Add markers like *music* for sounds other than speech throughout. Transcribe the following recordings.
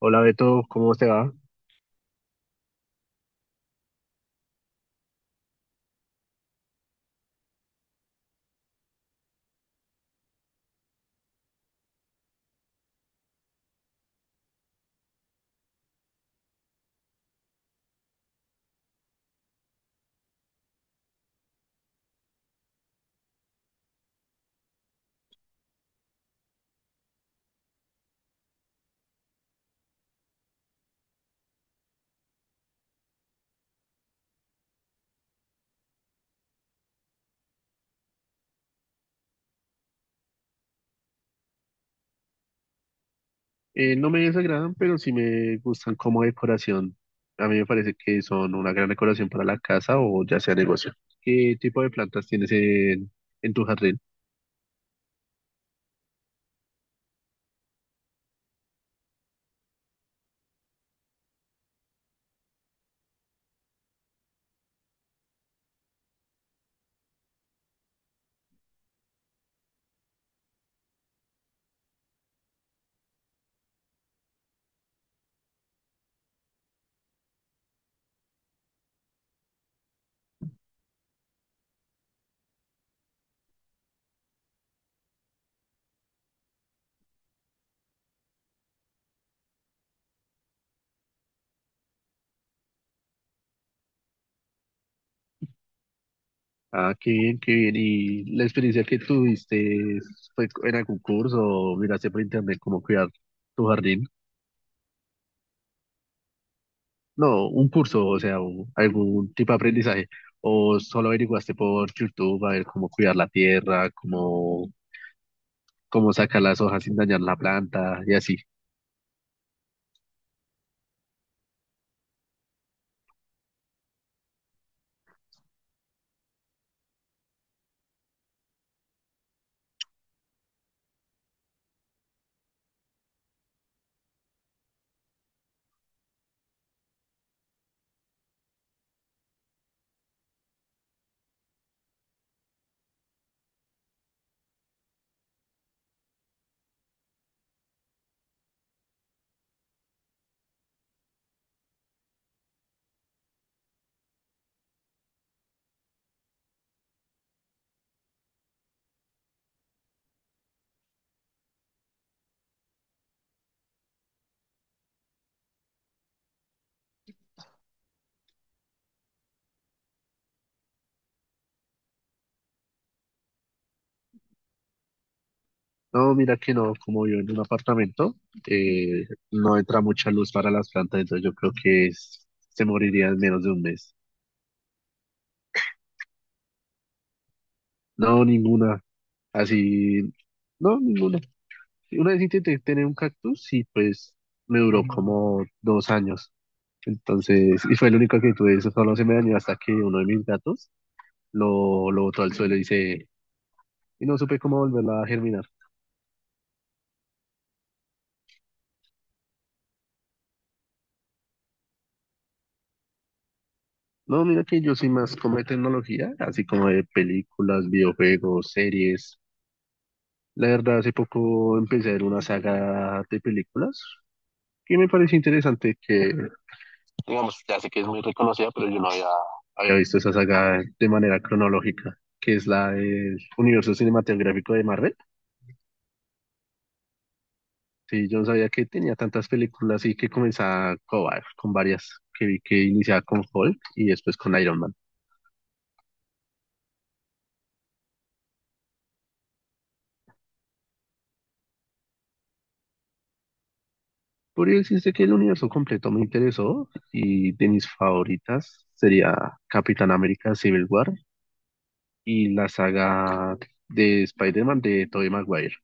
Hola Beto, ¿cómo te va? No me desagradan, pero sí me gustan como decoración. A mí me parece que son una gran decoración para la casa o ya sea negocio. ¿Qué tipo de plantas tienes en tu jardín? Ah, qué bien, qué bien. ¿Y la experiencia que tuviste fue en algún curso o miraste por internet cómo cuidar tu jardín? No, un curso, o sea, algún tipo de aprendizaje. ¿O solo averiguaste por YouTube a ver cómo cuidar la tierra, cómo sacar las hojas sin dañar la planta y así? No, mira que no, como vivo en un apartamento, eh, no entra mucha luz para las plantas, entonces yo creo que se moriría en menos de un mes. No, ninguna. Así, no, ninguna. Una vez intenté tener un cactus y pues me duró como 2 años. Entonces, y fue el único que tuve, eso solo se me dañó hasta que uno de mis gatos lo botó al suelo y no supe cómo volverla a germinar. No, mira que yo soy más como de tecnología, así como de películas, videojuegos, series. La verdad, hace poco empecé a ver una saga de películas que me pareció interesante que, digamos, ya sé que es muy reconocida, pero yo no había visto esa saga de manera cronológica, que es la del universo cinematográfico de Marvel. Sí, yo no sabía que tenía tantas películas y que comenzaba con, con varias, que vi que iniciaba con Hulk y después con Iron Man. Podría decirse que el universo completo me interesó y de mis favoritas sería Capitán América Civil War y la saga de Spider-Man de Tobey Maguire.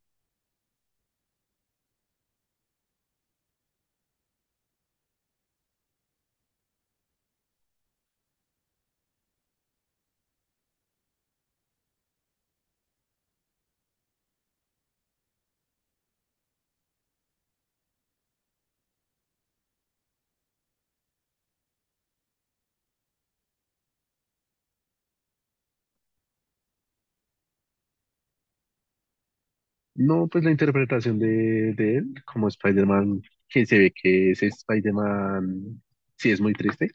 No, pues la interpretación de él como Spider-Man, que se ve que ese Spider-Man sí es muy triste.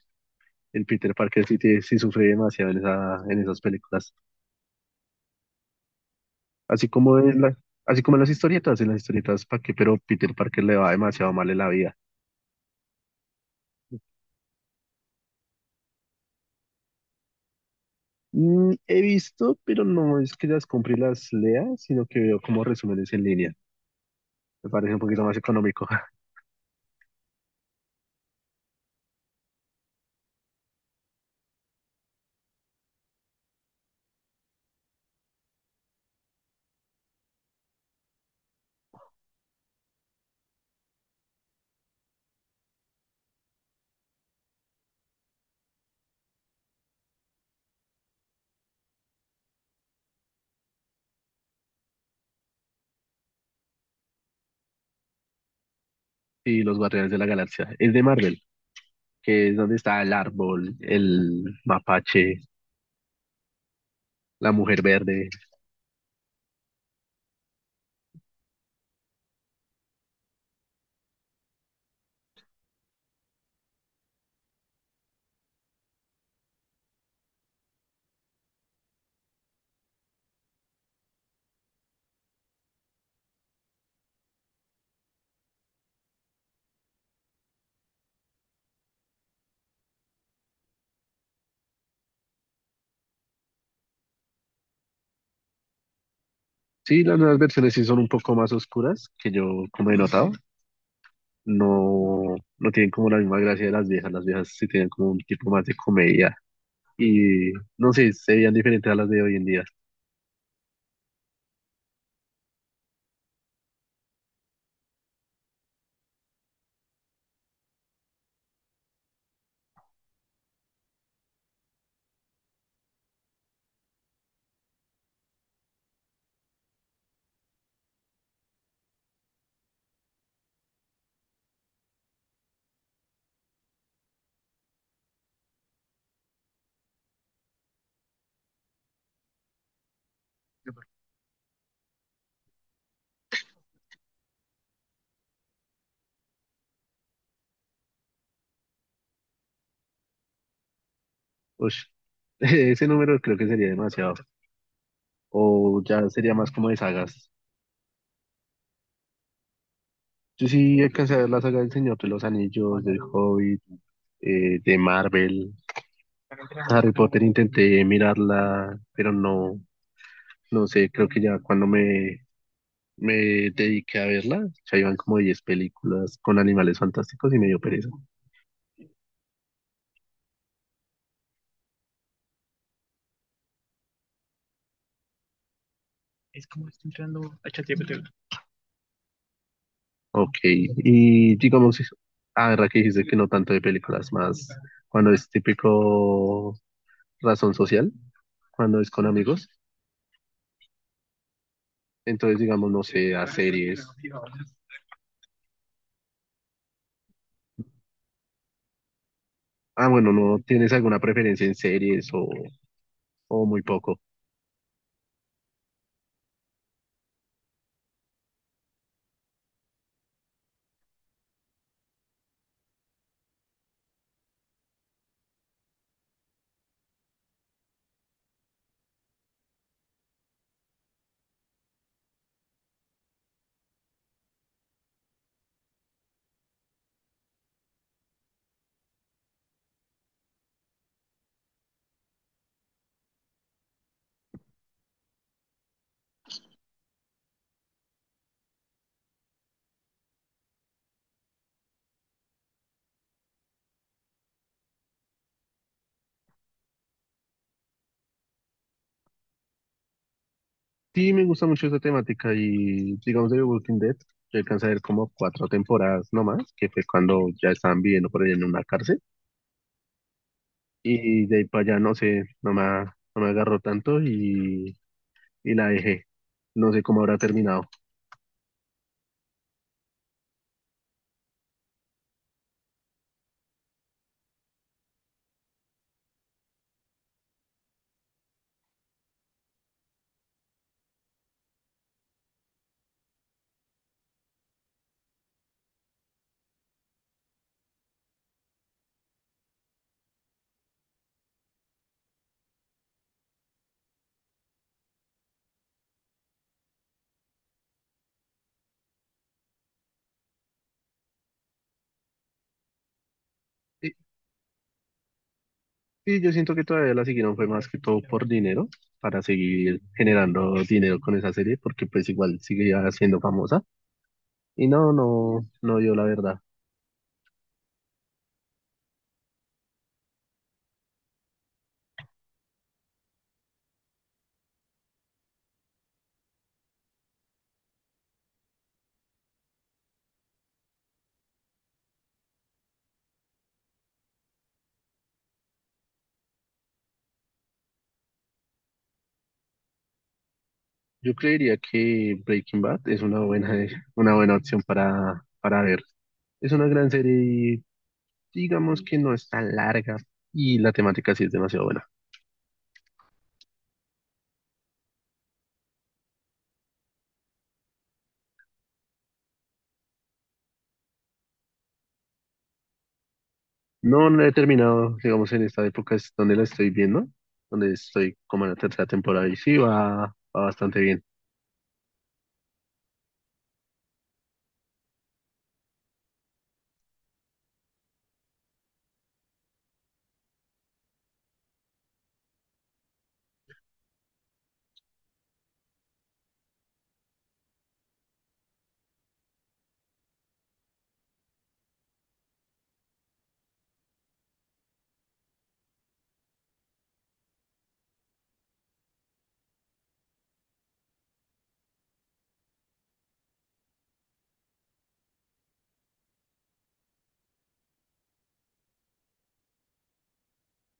El Peter Parker sí, sí sufre demasiado en esas películas. Así como en la, así como en las historietas, ¿para qué? Pero Peter Parker le va demasiado mal en la vida. Mm, he visto, pero no es que las compre y las lea, sino que veo como resúmenes en línea. Me parece un poquito más económico. *laughs* Y los Guardianes de la Galaxia. Es de Marvel, que es donde está el árbol, el mapache, la mujer verde. Sí, las nuevas versiones sí son un poco más oscuras, que yo como he notado. No, no tienen como la misma gracia de las viejas. Las viejas sí tienen como un tipo más de comedia. Y no sé, se veían diferentes a las de hoy en día. Ush, *laughs* ese número creo que sería demasiado. O ya sería más como de sagas. Yo sí alcancé a ver la saga del Señor de los Anillos, del Hobbit, de Marvel. Harry Potter intenté mirarla, pero no, no sé, creo que ya cuando me dediqué a verla, ya iban como 10 películas con animales fantásticos y me dio pereza. Ok, y digamos, ah, verdad que dijiste que no tanto de películas, más cuando es típico razón social, cuando es con amigos, entonces digamos, no sé, a series. Ah, bueno, ¿no tienes alguna preferencia en series o muy poco? Sí, me gusta mucho esta temática y digamos de The Walking Dead, yo alcancé a ver como 4 temporadas nomás, que fue cuando ya estaban viviendo por ahí en una cárcel y de ahí para allá no sé, no me agarró tanto y la dejé. No sé cómo habrá terminado. Y, y yo siento que todavía la siguieron fue más que todo por dinero, para seguir generando dinero con esa serie, porque pues igual seguía siendo famosa y no, no, no dio la verdad. Yo creería que Breaking Bad es una buena, *laughs* una buena opción para ver. Es una gran serie y digamos que no es tan larga y la temática sí es demasiado buena. No, no la he terminado, digamos, en esta época es donde la estoy viendo, donde estoy como en la tercera temporada y sí va, va bastante bien.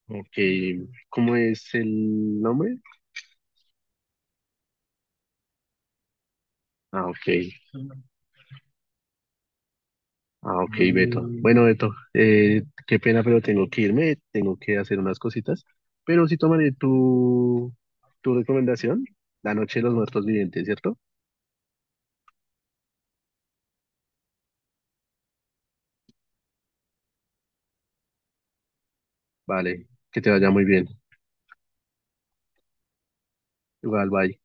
Ok, ¿cómo es el nombre? Ah, ok. Ah, ok, Beto. Bueno, Beto, qué pena, pero tengo que irme, tengo que hacer unas cositas. Pero sí tomaré tu, tu recomendación, La Noche de los Muertos Vivientes, ¿cierto? Vale, que te vaya muy bien. Igual, bye.